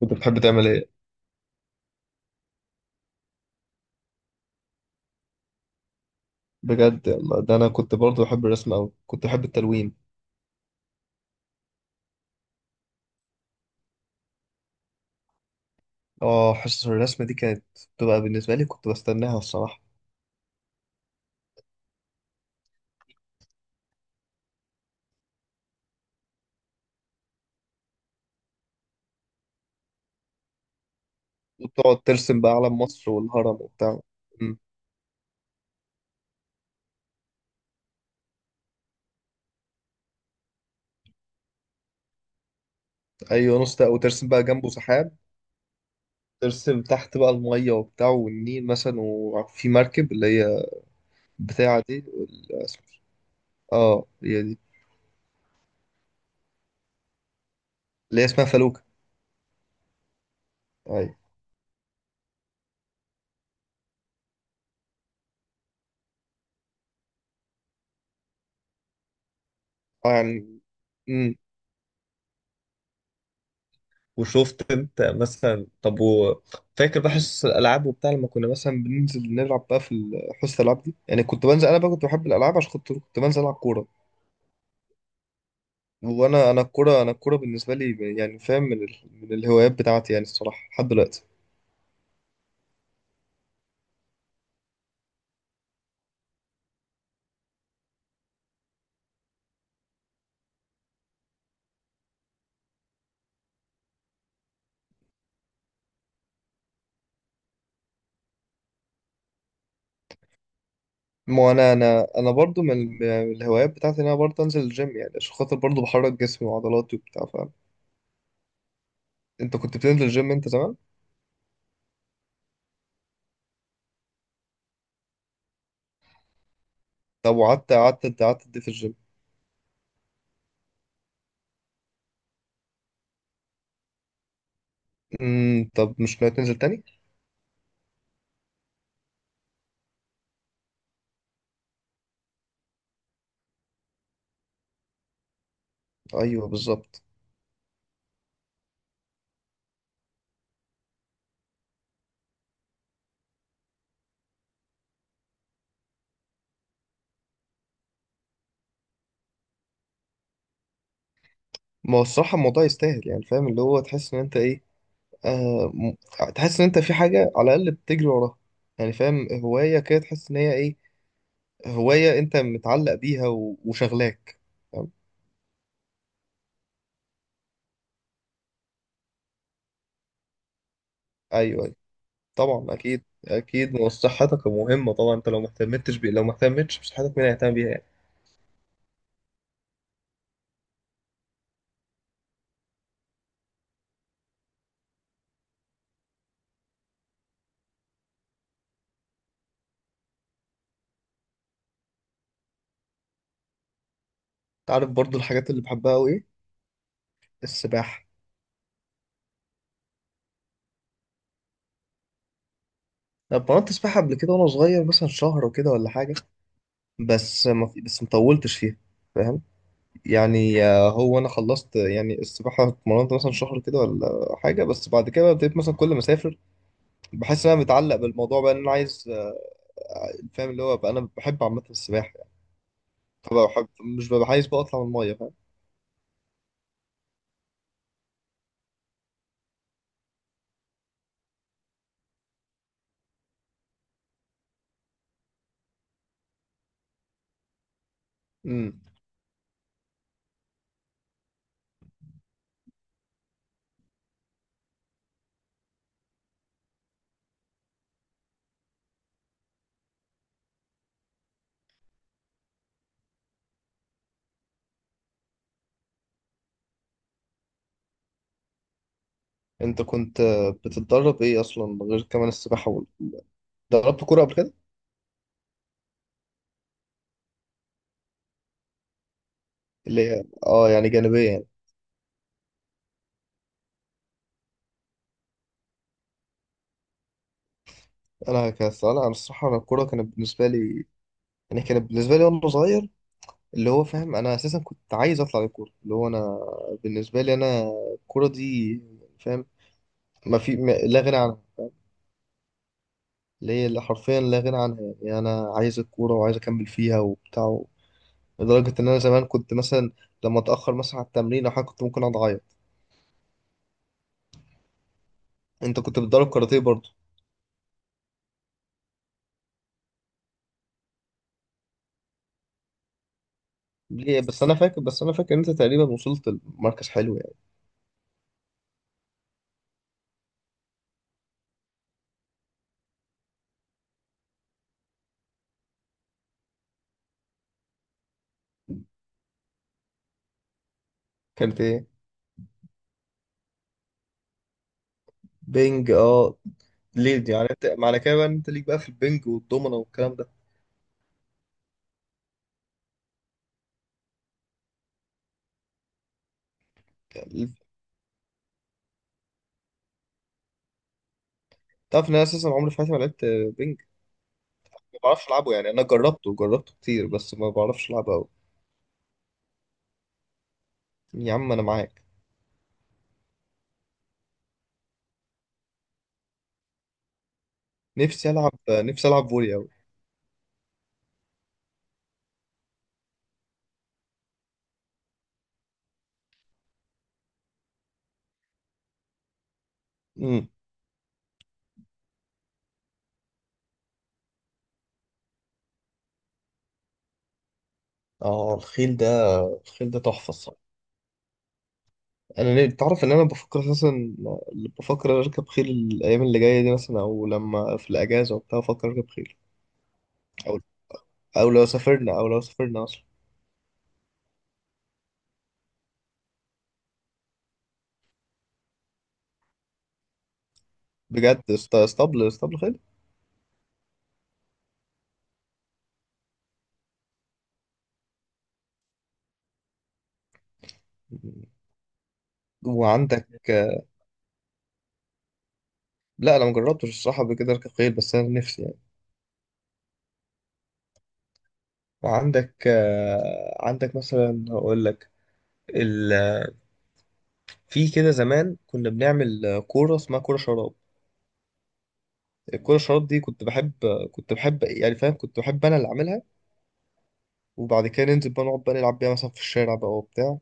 كنت بتحب تعمل ايه؟ بجد؟ يلا ده انا كنت برضه بحب الرسم اوي، كنت بحب التلوين. اه حصص الرسم دي كانت بتبقى بالنسبه لي كنت بستناها الصراحه. وتقعد ترسم بقى علم مصر والهرم وبتاع. أمم، ايوه نص ده، وترسم بقى جنبه سحاب. ترسم تحت بقى الميه وبتاع والنيل مثلا، وفي مركب اللي هي بتاعه دي اه هي دي، اللي هي اسمها فلوكه. ايوه. آه، يعني وشفت انت مثلا؟ فاكر بقى حصص الالعاب وبتاع؟ لما كنا مثلا بننزل نلعب بقى في حصص الالعاب دي، يعني كنت بنزل انا بقى كنت بحب الالعاب عشان كنت بنزل العب كوره. وانا الكوره، انا الكوره بالنسبه لي يعني فاهم، من الهوايات بتاعتي يعني، الصراحه لحد دلوقتي. ما انا برضو من الهوايات بتاعتي ان انا برضو انزل الجيم، يعني عشان خاطر برضو بحرك جسمي وعضلاتي وبتاع، فاهم؟ انت كنت بتنزل الجيم انت زمان؟ طب وقعدت قعدت قعدت قد ايه في الجيم؟ امم، طب مش ناوي تنزل تاني؟ ايوه بالظبط. ما هو الصراحة الموضوع يستاهل يعني، فاهم؟ اللي هو تحس إن أنت إيه، آه م... تحس إن أنت في حاجة على الأقل بتجري وراها. يعني فاهم، هواية كده تحس إن هي إيه، هواية أنت متعلق بيها وشغلاك، فاهم؟ أيوه أيوه. طبعا، أكيد أكيد، ما هو صحتك مهمة طبعا. أنت لو ما اهتمتش بي... لو ما اهتمتش بصحتك مين هيهتم بيها يعني؟ أنت عارف برضو الحاجات اللي بحبها أوي إيه؟ السباحة. أنا اتمرنت سباحة قبل كده وأنا صغير، مثلا شهر وكده ولا حاجة، بس ما في... بس مطولتش فيها، فاهم؟ يعني هو انا خلصت يعني، السباحه اتمرنت مثلا شهر كده ولا حاجه، بس بعد كده بقى ابتديت مثلا كل ما اسافر بحس ان انا متعلق بالموضوع، بقى ان انا عايز، فاهم؟ اللي هو بقى انا بحب عامه السباحه يعني. فبقى بحب، مش ببقى عايز بقى اطلع من الميه، فاهم؟ امم. انت كنت بتتدرب ايه اصلا غير كمان السباحه دربت كوره قبل كده؟ اللي هي اه يعني جانبيه يعني. انا كسؤال، انا الصراحه انا الكوره كانت بالنسبه لي، يعني كانت بالنسبه لي وانا صغير اللي هو فاهم، انا اساسا كنت عايز اطلع للكوره، اللي هو انا بالنسبه لي انا الكوره دي، فاهم؟ ما في ما لا غنى عنها، اللي هي اللي حرفيا لا غنى عنها يعني. يعني انا عايز الكوره وعايز اكمل فيها وبتاع، لدرجه ان انا زمان كنت مثلا لما اتاخر مثلا على التمرين او حاجه كنت ممكن اقعد اعيط. انت كنت بتدرب كاراتيه برضه؟ ليه بس؟ انا فاكر، بس انا فاكر ان انت تقريبا وصلت لمركز حلو يعني. كانت ايه؟ بينج، اه. ليه دي يعني؟ انت معنى كده بقى ان انت ليك بقى في البينج والدومنه والكلام ده؟ تعرف ان انا اساسا عمري في حياتي ما لعبت بينج؟ ما بعرفش العبه يعني، انا جربته كتير بس ما بعرفش العبه قوي. يا عم انا معاك. نفسي العب، نفسي العب فولي قوي. امم. اه الخيل ده، الخيل ده تحفه الصراحه. انا ليه؟ تعرف ان انا بفكر اساسا، بفكر اركب خيل الايام اللي جايه دي مثلا، او لما في الاجازه وبتاع بفكر اركب خيل. او، او لو سافرنا او لو سافرنا اصلا. بجد؟ اسطبل خيل؟ وعندك؟ لا انا مجربتش الصراحه قبل كده اركب خيل، بس انا نفسي يعني. وعندك، عندك مثلا، هقول لك: في كده زمان كنا بنعمل كورة اسمها كورة شراب. الكورة شراب دي كنت بحب، كنت بحب يعني فاهم، كنت بحب أنا اللي أعملها، وبعد كده ننزل بقى نقعد بقى نلعب بيها مثلا في الشارع بقى وبتاع.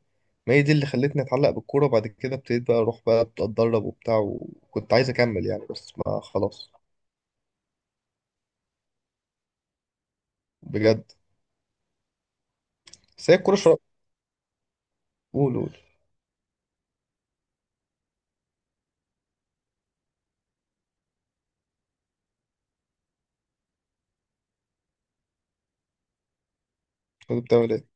ما هي دي اللي خلتني أتعلق بالكورة، وبعد كده ابتديت بقى أروح بقى أتدرب وبتاع وكنت عايز أكمل يعني بس ما، خلاص. بجد؟ بس هي الكورة شراب. قول قول. كنت بتعمل إيه؟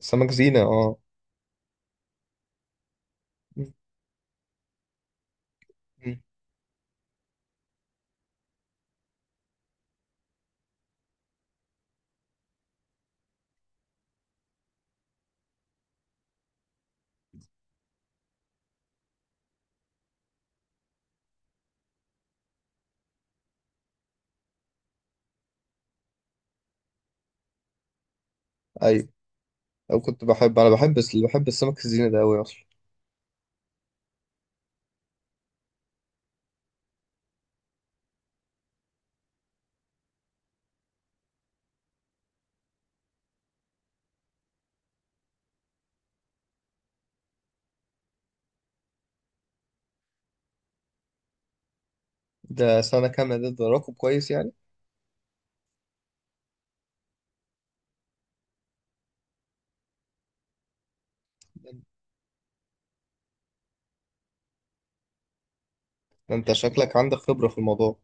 سمك زينة، أه. م- م. أيوه. أو كنت بحب، أنا بحب، بس بحب السمك الزينة ده أوي أصلا. ده سنة كاملة، ده ده رقم كويس يعني. ده انت شكلك عندك خبرة في الموضوع.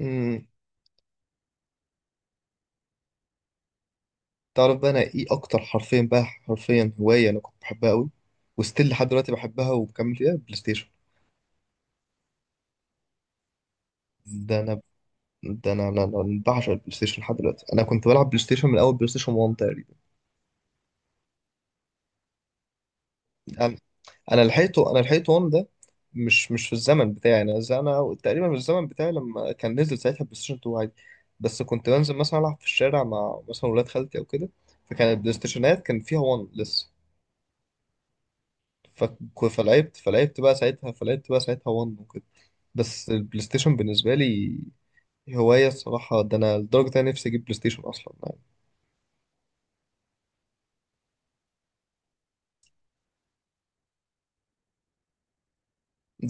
امم. تعرف بقى انا ايه اكتر حرفين بقى، حرفيا هواية انا كنت بحبها قوي وستيل لحد دلوقتي بحبها وبكمل فيها؟ بلاي ستيشن. ده انا ده انا انا أنا بعشق البلاي ستيشن لحد دلوقتي. انا كنت بلعب بلاي ستيشن من اول بلاي ستيشن 1 تقريبا. انا انا لحقته، انا لحقته 1 ده، مش في الزمن بتاعي يعني. انا انا تقريبا في الزمن بتاعي لما كان نزل ساعتها بلاي ستيشن 2 عادي، بس كنت بنزل مثلا العب في الشارع مع مثلا ولاد خالتي او كده، فكان البلاي ستيشنات كان فيها 1 لسه. فلعبت بقى ساعتها 1 وكده. بس البلاي ستيشن بالنسبة لي هواية الصراحة، ده أنا لدرجة أنا نفسي أجيب بلاي ستيشن أصلا يعني.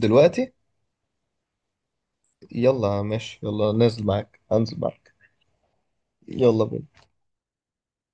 دلوقتي؟ يلا ماشي، يلا نازل معاك، أنزل معاك. يلا بينا.